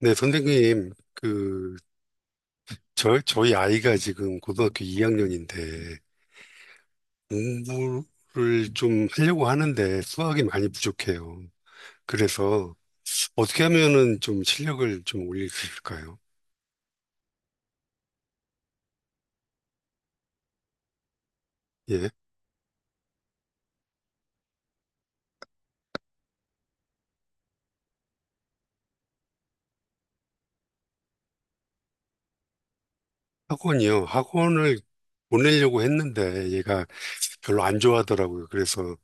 네, 선생님, 그, 저, 저희 아이가 지금 고등학교 2학년인데, 공부를 좀 하려고 하는데 수학이 많이 부족해요. 그래서 어떻게 하면은 좀 실력을 좀 올릴 수 있을까요? 예. 학원이요. 학원을 보내려고 했는데 얘가 별로 안 좋아하더라고요. 그래서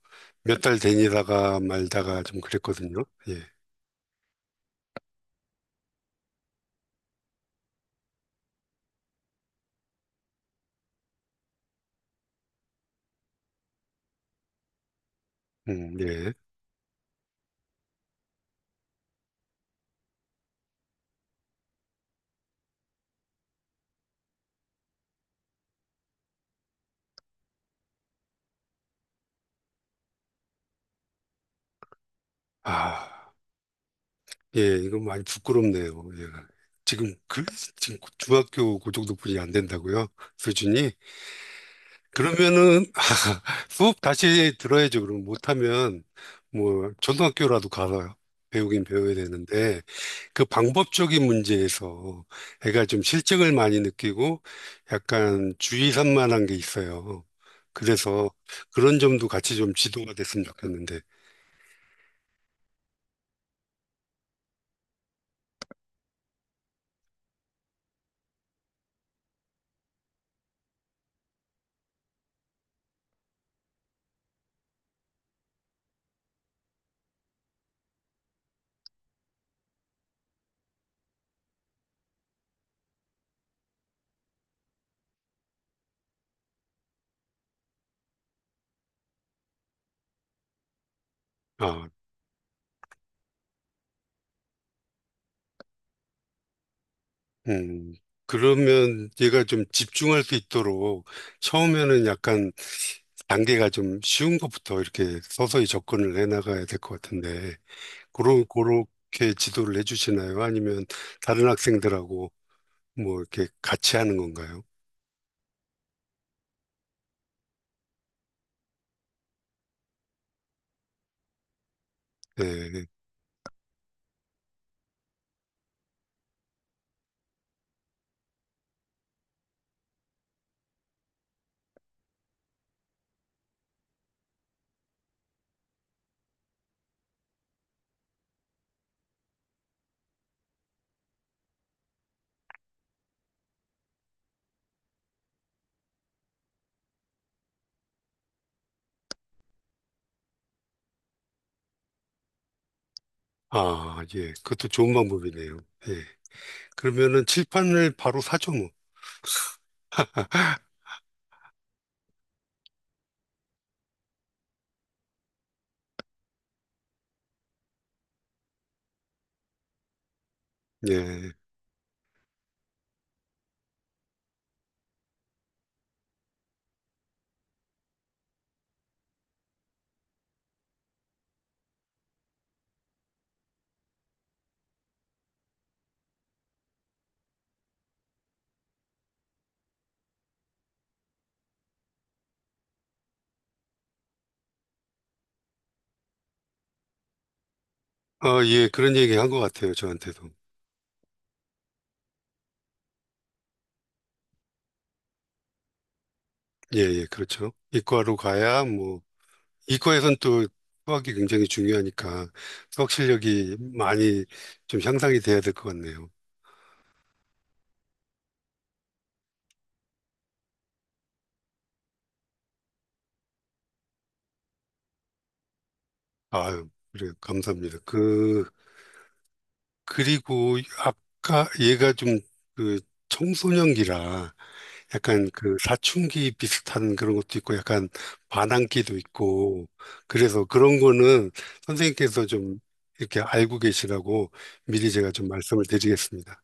몇 달 다니다가 말다가 좀 그랬거든요. 예. 예. 아. 예, 이건 많이 부끄럽네요. 예. 지금 그 지금 중학교 그 정도뿐이 안 된다고요? 수준이? 그러면은 수업 다시 들어야죠. 그럼 못하면 뭐 초등학교라도 가서 배우긴 배워야 되는데 그 방법적인 문제에서 애가 좀 실증을 많이 느끼고 약간 주의 산만한 게 있어요. 그래서 그런 점도 같이 좀 지도가 됐으면 좋겠는데. 아. 음, 그러면 얘가 좀 집중할 수 있도록 처음에는 약간 단계가 좀 쉬운 것부터 이렇게 서서히 접근을 해 나가야 될 것 같은데, 그런, 그렇게 지도를 해 주시나요? 아니면 다른 학생들하고 뭐 이렇게 같이 하는 건가요? 네. 아, 예. 그것도 좋은 방법이네요. 예. 그러면은 칠판을 바로 사죠, 뭐. 예. 아, 예. 그런 얘기 한 것 같아요, 저한테도. 예, 예. 그렇죠. 이과로 가야 뭐 이과에선 또 수학이 굉장히 중요하니까 수학 실력이 많이 좀 향상이 돼야 될 것 같네요. 아유, 그래, 감사합니다. 그, 그리고 아까 얘가 좀 그 청소년기라 약간 그 사춘기 비슷한 그런 것도 있고 약간 반항기도 있고 그래서 그런 거는 선생님께서 좀 이렇게 알고 계시라고 미리 제가 좀 말씀을 드리겠습니다.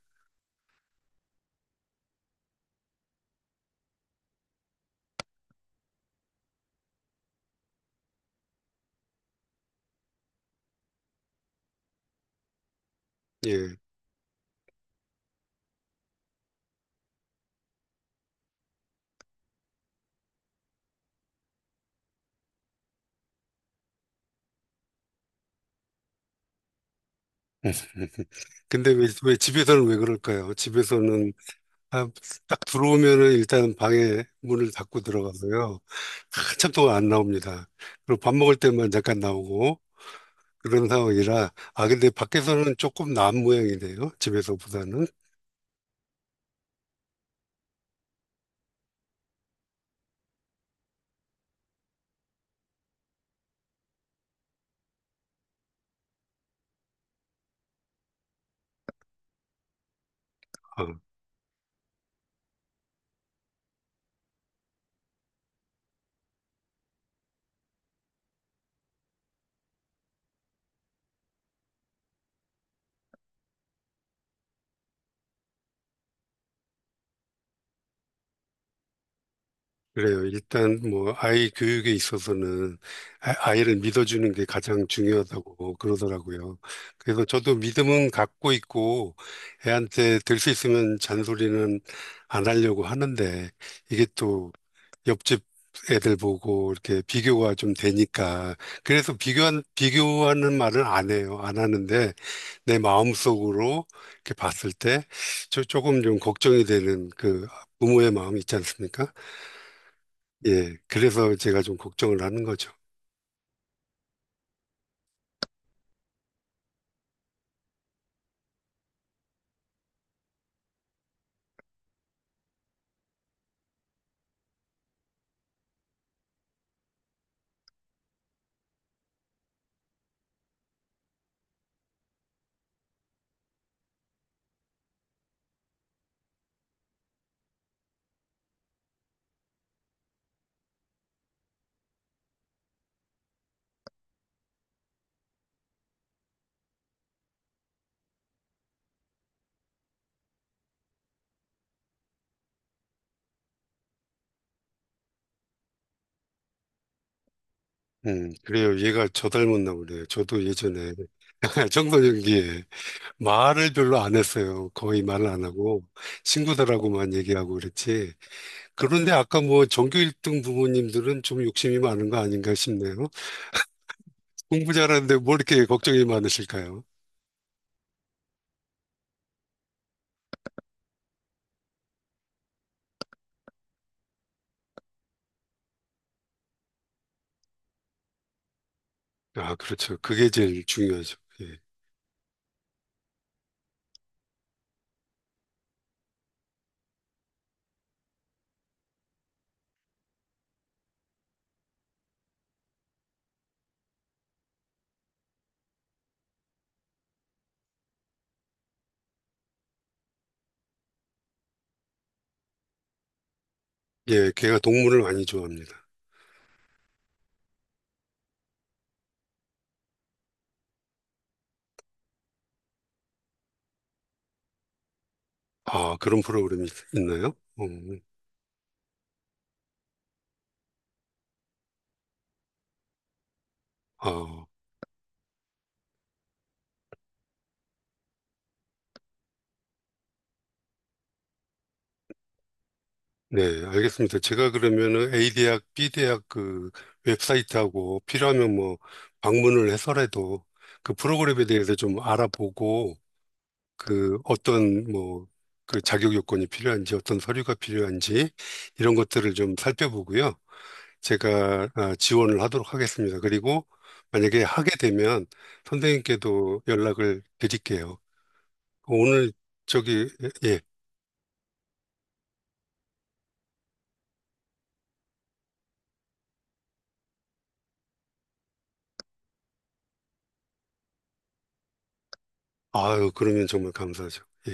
예. 근데 왜 집에서는 왜 그럴까요? 집에서는 아, 딱 들어오면은 일단 방에 문을 닫고 들어가고요. 한참 동안 안 나옵니다. 그리고 밥 먹을 때만 잠깐 나오고 그런 상황이라 아 근데 밖에서는 조금 나은 모양이네요. 집에서보다는. 어, 그래요. 일단 뭐 아이 교육에 있어서는 아이를 믿어주는 게 가장 중요하다고 그러더라고요. 그래서 저도 믿음은 갖고 있고 애한테 될 수 있으면 잔소리는 안 하려고 하는데 이게 또 옆집 애들 보고 이렇게 비교가 좀 되니까 그래서 비교한 비교하는 말을 안 해요. 안 하는데 내 마음속으로 이렇게 봤을 때 저, 조금 좀 걱정이 되는 그 부모의 마음이 있지 않습니까? 예. 그래서 제가 좀 걱정을 하는 거죠. 그래요. 얘가 저 닮았나 보네요. 저도 예전에 청소년기에 말을 별로 안 했어요. 거의 말을 안 하고 친구들하고만 얘기하고 그랬지. 그런데 아까 뭐 전교 1등 부모님들은 좀 욕심이 많은 거 아닌가 싶네요. 공부 잘하는데 뭐 이렇게 걱정이 많으실까요? 아, 그렇죠. 그게 제일 중요하죠. 예. 예, 걔가 동물을 많이 좋아합니다. 아, 그런 프로그램이 있나요? 음, 아, 네, 알겠습니다. 제가 그러면은 A 대학, B 대학 그 웹사이트하고 필요하면 뭐 방문을 해서라도 그 프로그램에 대해서 좀 알아보고 그 어떤 뭐 그 자격 요건이 필요한지 어떤 서류가 필요한지 이런 것들을 좀 살펴보고요. 제가 아, 지원을 하도록 하겠습니다. 그리고 만약에 하게 되면 선생님께도 연락을 드릴게요. 오늘 저기 예. 예. 아유, 그러면 정말 감사하죠. 예.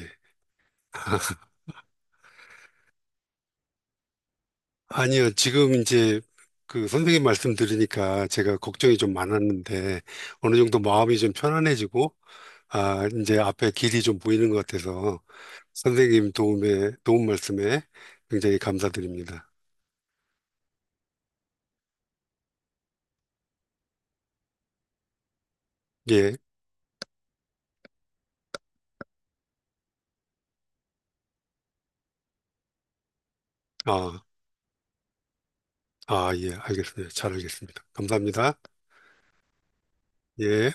아니요, 지금 이제 그 선생님 말씀 들으니까 제가 걱정이 좀 많았는데 어느 정도 마음이 좀 편안해지고 아, 이제 앞에 길이 좀 보이는 것 같아서 선생님 도움에, 도움 말씀에 굉장히 감사드립니다. 예, 아, 아, 예, 알겠습니다. 잘 알겠습니다. 감사합니다. 예.